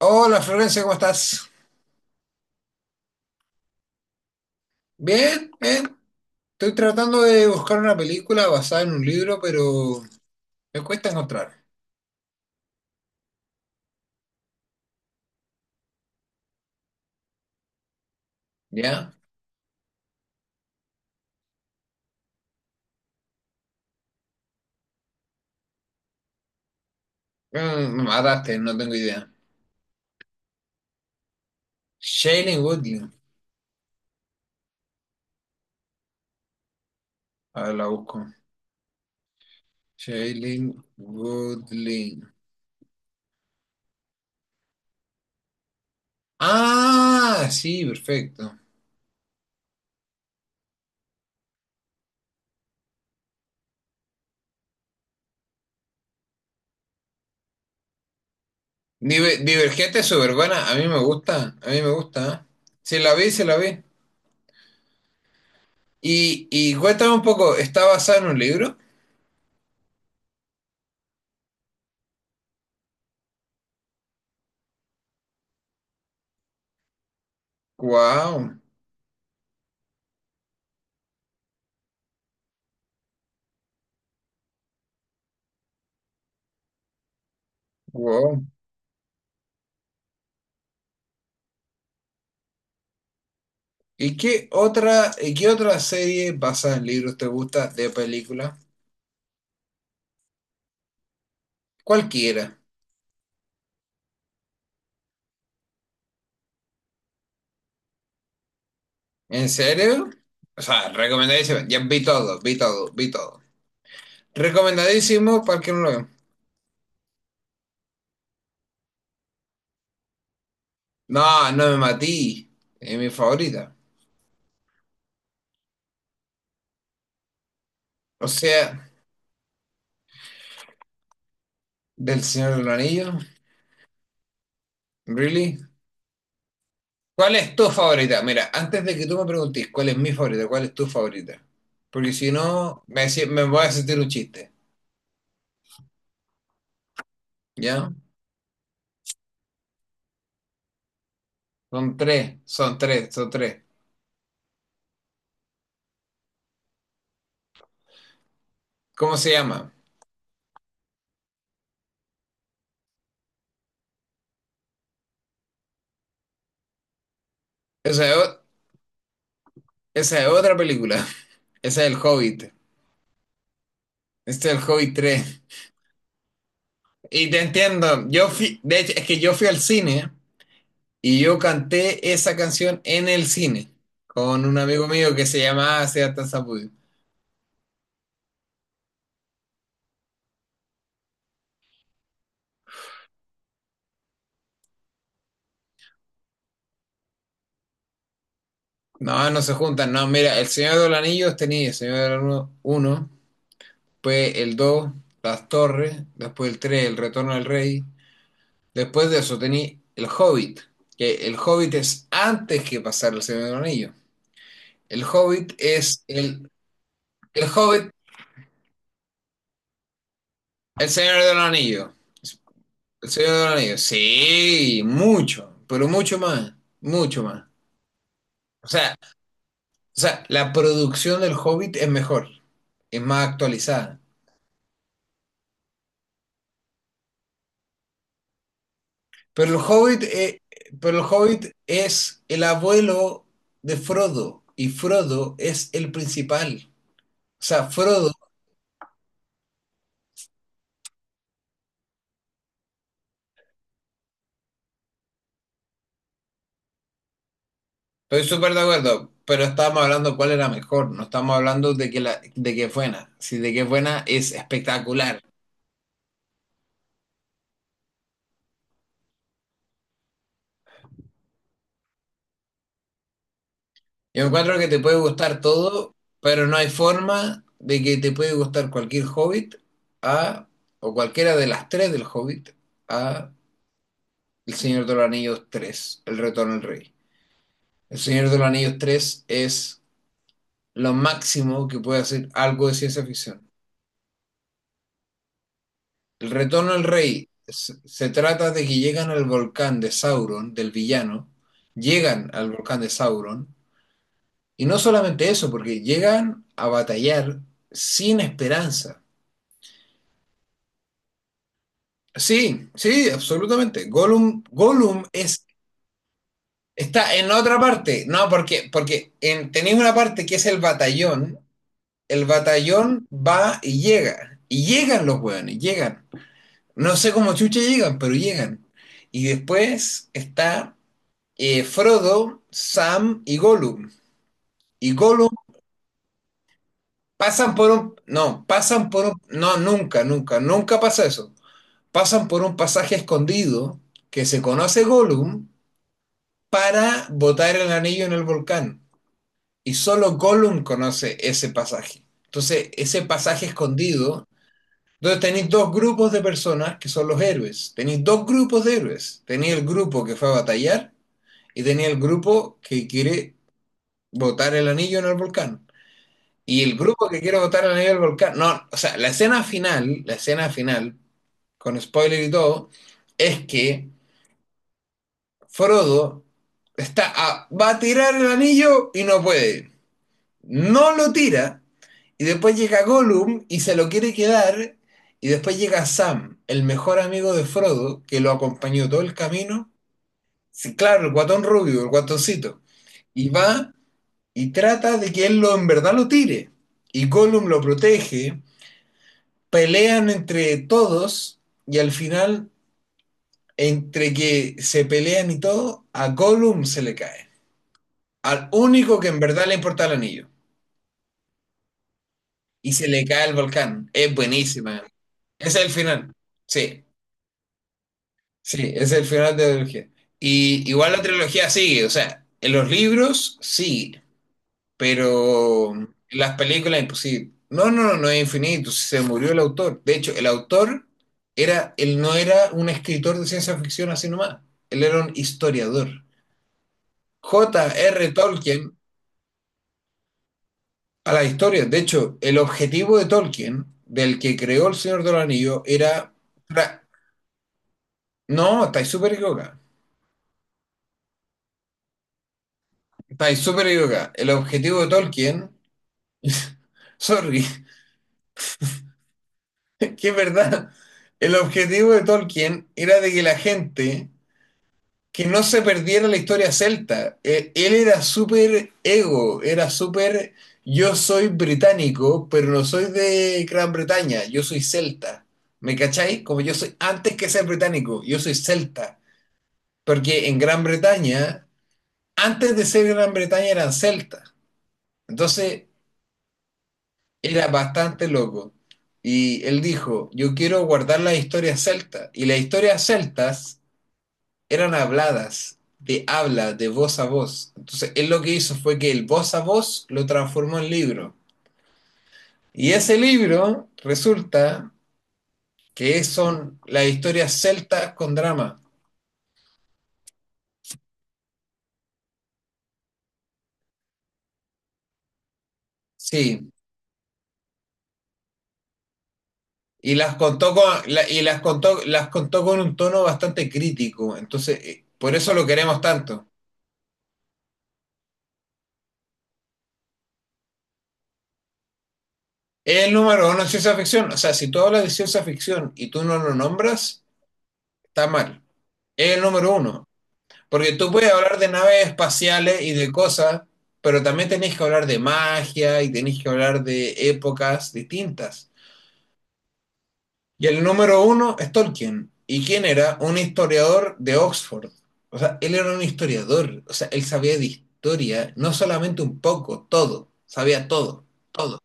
Hola Florencia, ¿cómo estás? Bien, bien. Estoy tratando de buscar una película basada en un libro, pero me cuesta encontrar. ¿Ya? Mm, no me mataste, no tengo idea. Shailene Woodley. A ver, la busco. Shailene Woodley. Ah, sí, perfecto. Divergente es súper buena. A mí me gusta, a mí me gusta. ¿Eh? Sí, la vi, se la vi. Y cuéntame un poco, ¿está basada en un libro? Wow. Y qué otra serie basada en libros te gusta de película? Cualquiera. ¿En serio? O sea, recomendadísimo. Ya vi todo, vi todo, vi todo. Recomendadísimo para el que no lo vea. No, no me matí. Es mi favorita. O sea, del Señor del Anillo. ¿Really? ¿Cuál es tu favorita? Mira, antes de que tú me preguntes cuál es mi favorita, cuál es tu favorita. Porque si no, me voy a sentir un chiste. ¿Ya? Son tres, son tres, son tres. ¿Cómo se llama? Esa es, o- esa es otra película. Esa es El Hobbit. Este es El Hobbit 3. Y te entiendo. Yo fui, de hecho, es que yo fui al cine y yo canté esa canción en el cine con un amigo mío que se llamaba Sebastián Zapudio. No, no se juntan. No, mira, El Señor de los Anillos tenía El Señor de los Anillos uno, después el 2, Las Torres, después el 3, El Retorno del Rey. Después de eso tenía El Hobbit, que El Hobbit es antes que pasar El Señor de los Anillos. El Hobbit es el Hobbit, el Señor de los Anillos. El Señor de los Anillos. Sí, mucho, pero mucho más, mucho más. O sea, o sea, la producción del Hobbit es mejor, es más actualizada. Pero el Hobbit, eh, pero el Hobbit es el abuelo de Frodo y Frodo es el principal. O sea, Frodo. Estoy súper de acuerdo, pero estábamos hablando cuál era mejor, no estamos hablando de que, la, de que es buena. Si de que es buena es espectacular. Yo encuentro que te puede gustar todo, pero no hay forma de que te puede gustar cualquier Hobbit a, o cualquiera de las tres del Hobbit a El Señor de los Anillos 3, El Retorno del Rey. El Señor de los Anillos 3 es lo máximo que puede hacer algo de ciencia ficción. El retorno al rey se trata de que llegan al volcán de Sauron, del villano, llegan al volcán de Sauron, y no solamente eso, porque llegan a batallar sin esperanza. Sí, sí, absolutamente. Gollum es, está en otra parte. No, porque, porque en, tenéis una parte que es el batallón. El batallón va y llega. Y llegan los hueones, llegan. No sé cómo chucha llegan, pero llegan. Y después está Frodo, Sam y Gollum. Y Gollum pasan por un... No, pasan por un... No, nunca, nunca, nunca pasa eso. Pasan por un pasaje escondido que se conoce Gollum para botar el anillo en el volcán. Y solo Gollum conoce ese pasaje. Entonces, ese pasaje escondido, entonces tenéis dos grupos de personas que son los héroes. Tenéis dos grupos de héroes. Tenéis el grupo que fue a batallar y tenéis el grupo que quiere botar el anillo en el volcán. Y el grupo que quiere votar a nivel volcán, no, o sea, la escena final, con spoiler y todo, es que Frodo va a tirar el anillo y no puede. No lo tira. Y después llega Gollum y se lo quiere quedar. Y después llega Sam, el mejor amigo de Frodo, que lo acompañó todo el camino. Sí, claro, el guatón rubio, el guatoncito. Y va y trata de que él lo en verdad lo tire. Y Gollum lo protege, pelean entre todos y al final, entre que se pelean y todo, a Gollum se le cae. Al único que en verdad le importa el anillo. Y se le cae el volcán. Es buenísima. Ese es el final. Sí, sí, ese es el final de la trilogía. Y igual la trilogía sigue, o sea, en los libros sí, pero en las películas imposible. No, no, no, no es infinito, se murió el autor. De hecho, el autor era, él no era un escritor de ciencia ficción así nomás, él era un historiador. J. R. Tolkien a la historia. De hecho, el objetivo de Tolkien, del que creó El Señor del Anillo, era... tra- No, estáis súper equivocada. Estáis súper equivocada. El objetivo de Tolkien... Sorry, que es verdad. El objetivo de Tolkien era de que la gente que no se perdiera la historia celta. Él era súper ego, era súper yo soy británico, pero no soy de Gran Bretaña, yo soy celta. ¿Me cacháis? Como yo soy, antes que ser británico, yo soy celta. Porque en Gran Bretaña, antes de ser Gran Bretaña eran celtas. Entonces era bastante loco. Y él dijo, yo quiero guardar las historias celtas. Y las historias celtas eran habladas, de habla, de voz a voz. Entonces, él lo que hizo fue que el voz a voz lo transformó en libro. Y ese libro resulta que son las historias celtas con drama. Sí, y las contó con un tono bastante crítico. Entonces, por eso lo queremos tanto. Es el número uno en ciencia ficción. O sea, si tú hablas de ciencia ficción y tú no lo nombras, está mal. Es el número uno. Porque tú puedes hablar de naves espaciales y de cosas, pero también tenés que hablar de magia y tenés que hablar de épocas distintas. Y el número uno es Tolkien. ¿Y quién era? Un historiador de Oxford. O sea, él era un historiador. O sea, él sabía de historia, no solamente un poco, todo. Sabía todo, todo.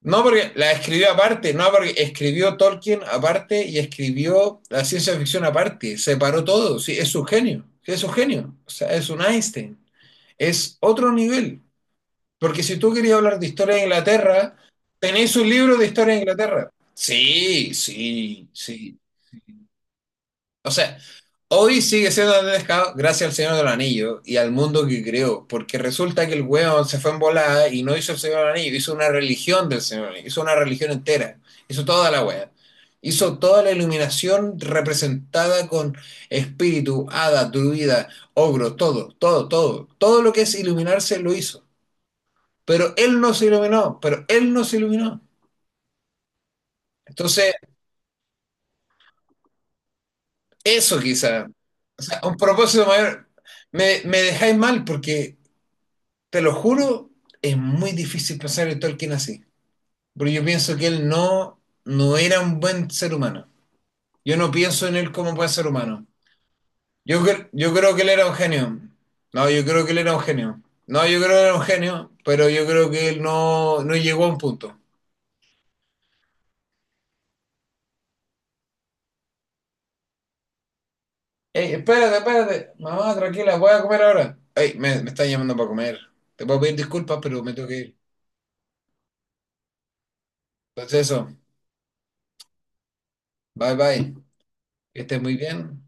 No, porque la escribió aparte, no, porque escribió Tolkien aparte y escribió la ciencia ficción aparte, separó todo, sí, es un genio, sí, es un genio, o sea, es un Einstein, es otro nivel, porque si tú querías hablar de historia de Inglaterra, tenés un libro de historia de Inglaterra. Sí, sí, sí, o sea, hoy sigue siendo Andrés Pescado gracias al Señor del Anillo y al mundo que creó, porque resulta que el weón se fue en volada y no hizo el Señor del Anillo, hizo una religión del Señor del Anillo, hizo una religión entera, hizo toda la wea. Hizo toda la iluminación representada con espíritu, hada, druida, ogro, todo, todo, todo. Todo lo que es iluminarse lo hizo. Pero él no se iluminó, pero él no se iluminó. Entonces, eso quizá, o sea, un propósito mayor. Me dejáis mal porque te lo juro, es muy difícil pensar en Tolkien así. Porque yo pienso que él no, no era un buen ser humano. Yo no pienso en él como buen ser humano. Yo creo que él era un genio. No, yo creo que él era un genio. No, yo creo que era un genio, pero yo creo que él no, no llegó a un punto. Ey, espérate, espérate. Mamá, tranquila, voy a comer ahora. Ey, me están llamando para comer. Te puedo pedir disculpas, pero me tengo que ir. Entonces eso, bye bye. Que estés muy bien.